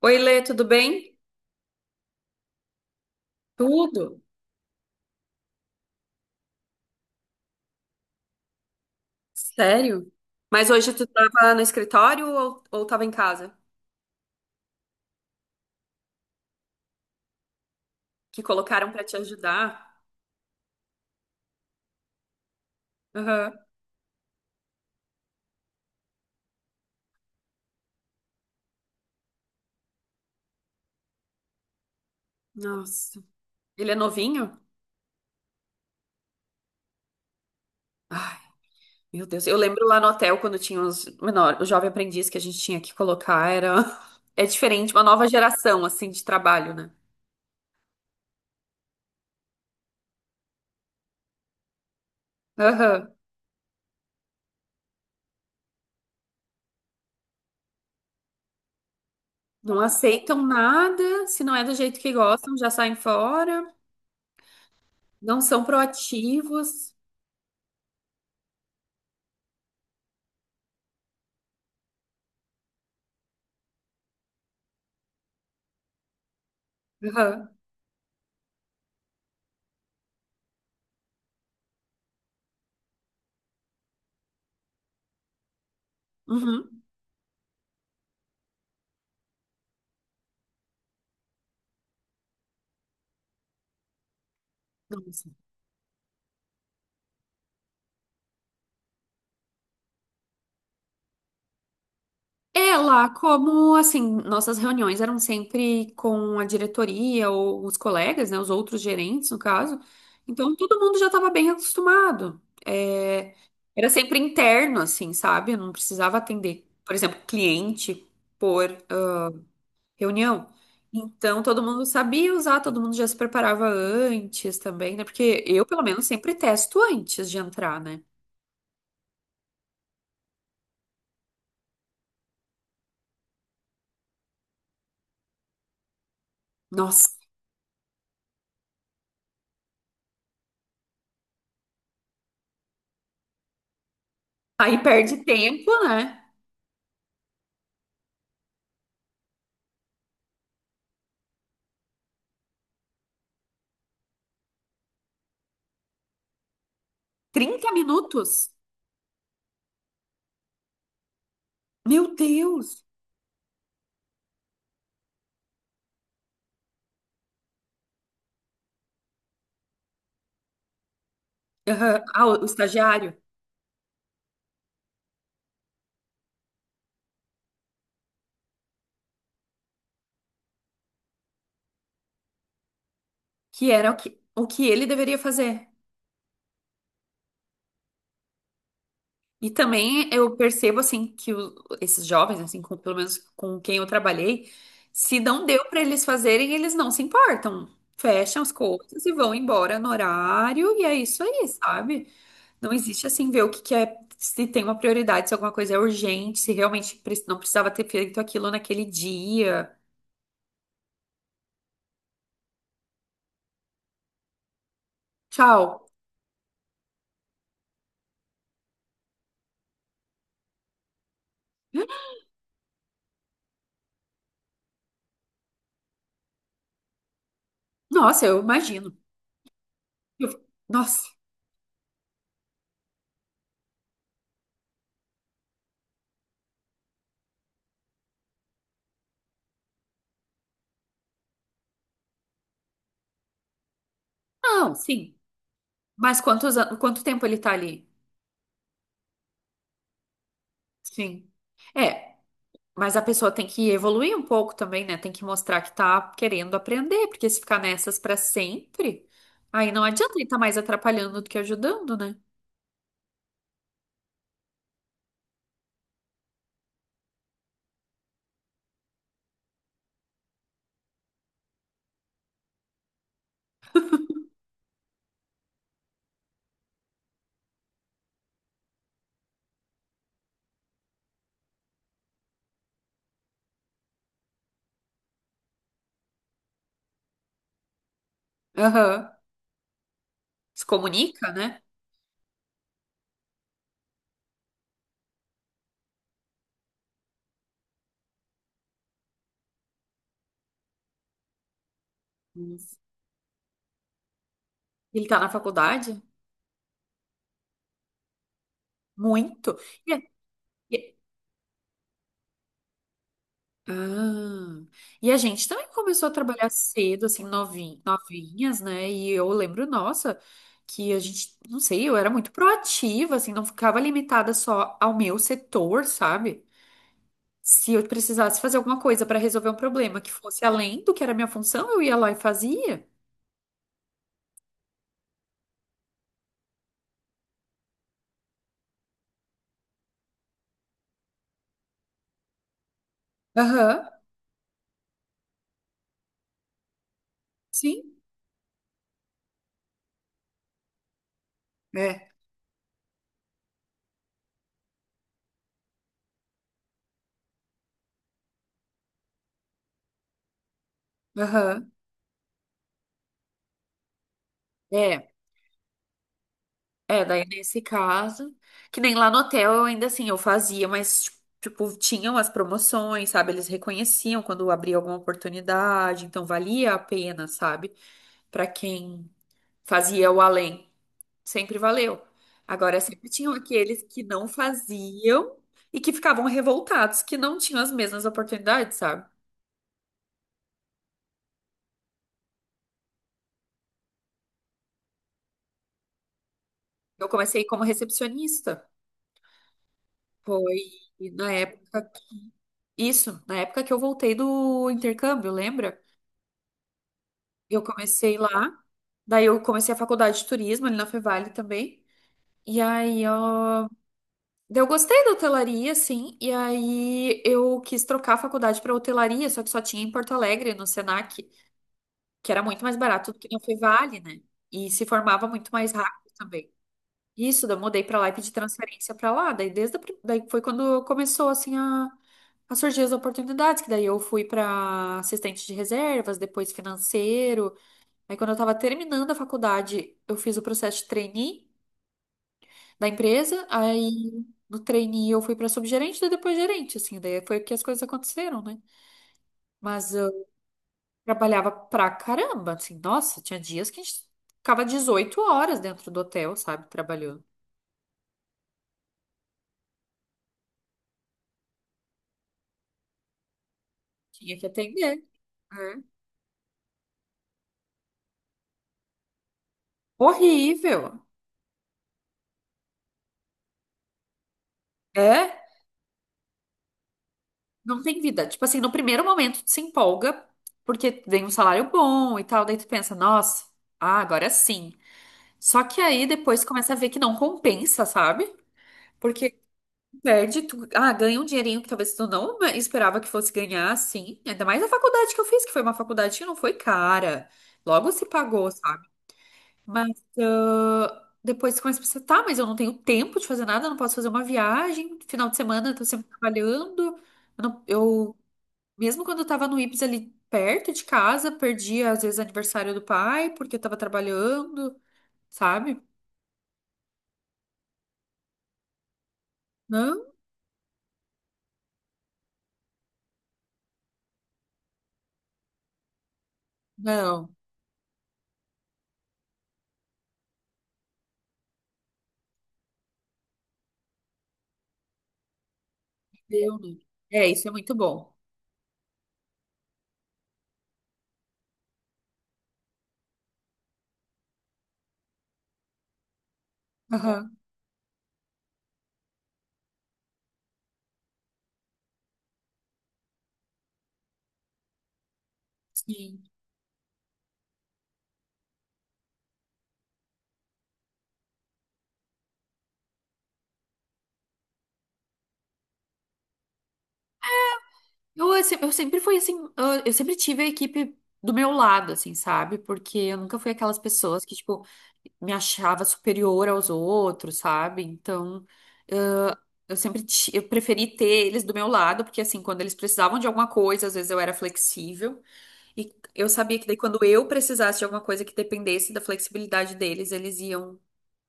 Oi, Lê, tudo bem? Tudo? Sério? Mas hoje tu tava no escritório ou tava em casa? Que colocaram pra te ajudar? Aham. Nossa. Ele é novinho? Ai, meu Deus. Eu lembro lá no hotel quando tinha os menor, o jovem aprendiz que a gente tinha que colocar era é diferente, uma nova geração assim de trabalho, né? Aham. Não aceitam nada, se não é do jeito que gostam, já saem fora, não são proativos. Aham. Uhum. Nossa. É, lá, como assim, nossas reuniões eram sempre com a diretoria ou os colegas, né, os outros gerentes, no caso. Então, todo mundo já estava bem acostumado. É, era sempre interno, assim, sabe? Eu não precisava atender, por exemplo, cliente por reunião. Então, todo mundo sabia usar, todo mundo já se preparava antes também, né? Porque eu, pelo menos, sempre testo antes de entrar, né? Nossa, aí perde tempo, né? 30 minutos? Meu Deus! Aham. Ah, o estagiário, que era o que ele deveria fazer. E também eu percebo, assim, que o- esses jovens, assim, com- pelo menos com quem eu trabalhei, se não deu para eles fazerem, eles não se importam. Fecham as coisas e vão embora no horário, e é isso aí, sabe? Não existe, assim, ver o que que é, se tem uma prioridade, se alguma coisa é urgente, se realmente pre- não precisava ter feito aquilo naquele dia. Tchau. Nossa, eu imagino. Eu- Nossa. Não, sim. Mas quantos, an- quanto tempo ele tá ali? Sim. É, mas a pessoa tem que evoluir um pouco também, né? Tem que mostrar que tá querendo aprender, porque se ficar nessas pra sempre, aí não adianta ele tá mais atrapalhando do que ajudando, né? Aham. Se comunica, né? Isso. Ele tá na faculdade? Muito. É- Ah, e a gente também começou a trabalhar cedo, assim, novin- novinhas, né? E eu lembro, nossa, que a gente, não sei, eu era muito proativa, assim, não ficava limitada só ao meu setor, sabe? Se eu precisasse fazer alguma coisa para resolver um problema que fosse além do que era a minha função, eu ia lá e fazia. Aham, sim. É. Aham. É. É, daí nesse caso, que nem lá no hotel eu ainda assim, eu fazia, mas tipo, tinham as promoções, sabe? Eles reconheciam quando abria alguma oportunidade, então valia a pena, sabe? Pra quem fazia o além, sempre valeu. Agora, sempre tinham aqueles que não faziam e que ficavam revoltados, que não tinham as mesmas oportunidades, sabe? Eu comecei como recepcionista, foi na época, isso, na época que eu voltei do intercâmbio, lembra? Eu comecei lá, daí eu comecei a faculdade de turismo ali na Fevale também. E aí, ó, daí eu gostei da hotelaria, assim, e aí eu quis trocar a faculdade para hotelaria, só que só tinha em Porto Alegre, no Senac, que era muito mais barato do que na Fevale, né? E se formava muito mais rápido também. Isso, daí eu mudei para lá e pedi transferência para lá. Daí desde a pri- daí foi quando começou assim a surgir as oportunidades, que daí eu fui para assistente de reservas, depois financeiro. Aí, quando eu tava terminando a faculdade, eu fiz o processo de trainee da empresa. Aí, no trainee, eu fui pra subgerente, daí depois gerente, assim. Daí foi que as coisas aconteceram, né? Mas eu trabalhava pra caramba, assim. Nossa, tinha dias que a gente ficava 18 horas dentro do hotel, sabe? Trabalhando. Tinha que atender. É. Horrível. É? Não tem vida. Tipo assim, no primeiro momento, tu se empolga, porque vem um salário bom e tal. Daí tu pensa, nossa, ah, agora sim. Só que aí depois começa a ver que não compensa, sabe? Porque perde, tu, ah, ganha um dinheirinho que talvez tu não esperava que fosse ganhar, assim. Ainda mais a faculdade que eu fiz, que foi uma faculdade que não foi cara. Logo se pagou, sabe? Mas ah, depois tu começa a pensar, tá, mas eu não tenho tempo de fazer nada, eu não posso fazer uma viagem. Final de semana eu tô sempre trabalhando. Eu, não- eu- mesmo quando eu tava no Ibs ali perto de casa, perdi às vezes aniversário do pai, porque eu tava trabalhando, sabe? Não. Não. Deudo. É, isso é muito bom. Aham, Sim. Eu se- eu sempre fui assim, eu sempre tive a equipe do meu lado, assim, sabe? Porque eu nunca fui aquelas pessoas que, tipo, me achava superior aos outros, sabe? Então, eu sempre ti- eu preferi ter eles do meu lado, porque assim, quando eles precisavam de alguma coisa, às vezes eu era flexível, e eu sabia que daí quando eu precisasse de alguma coisa que dependesse da flexibilidade deles, eles iam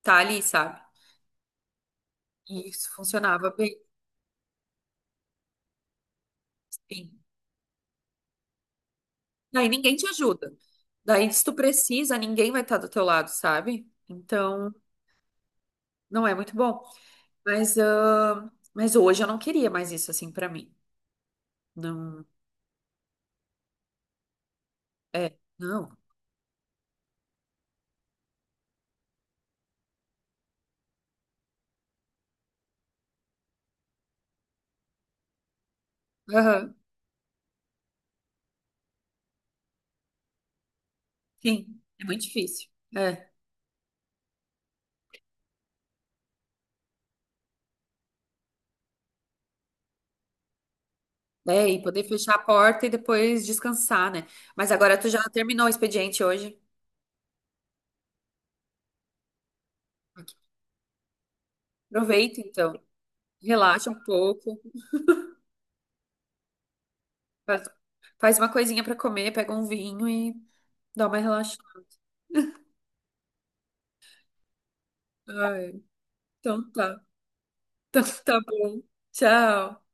estar ali, sabe? E isso funcionava bem. Daí ninguém te ajuda. Daí, se tu precisa, ninguém vai estar do teu lado, sabe? Então, não é muito bom. Mas, ah, mas hoje eu não queria mais isso assim pra mim. Não, é, não. Aham, Sim, é muito difícil. É. É, e poder fechar a porta e depois descansar, né? Mas agora tu já terminou o expediente hoje. Ok. Aproveita, então. Relaxa um pouco. Faz, faz uma coisinha pra comer, pega um vinho e dá uma relaxada. Ai, então tá. Então tá bom. Tchau.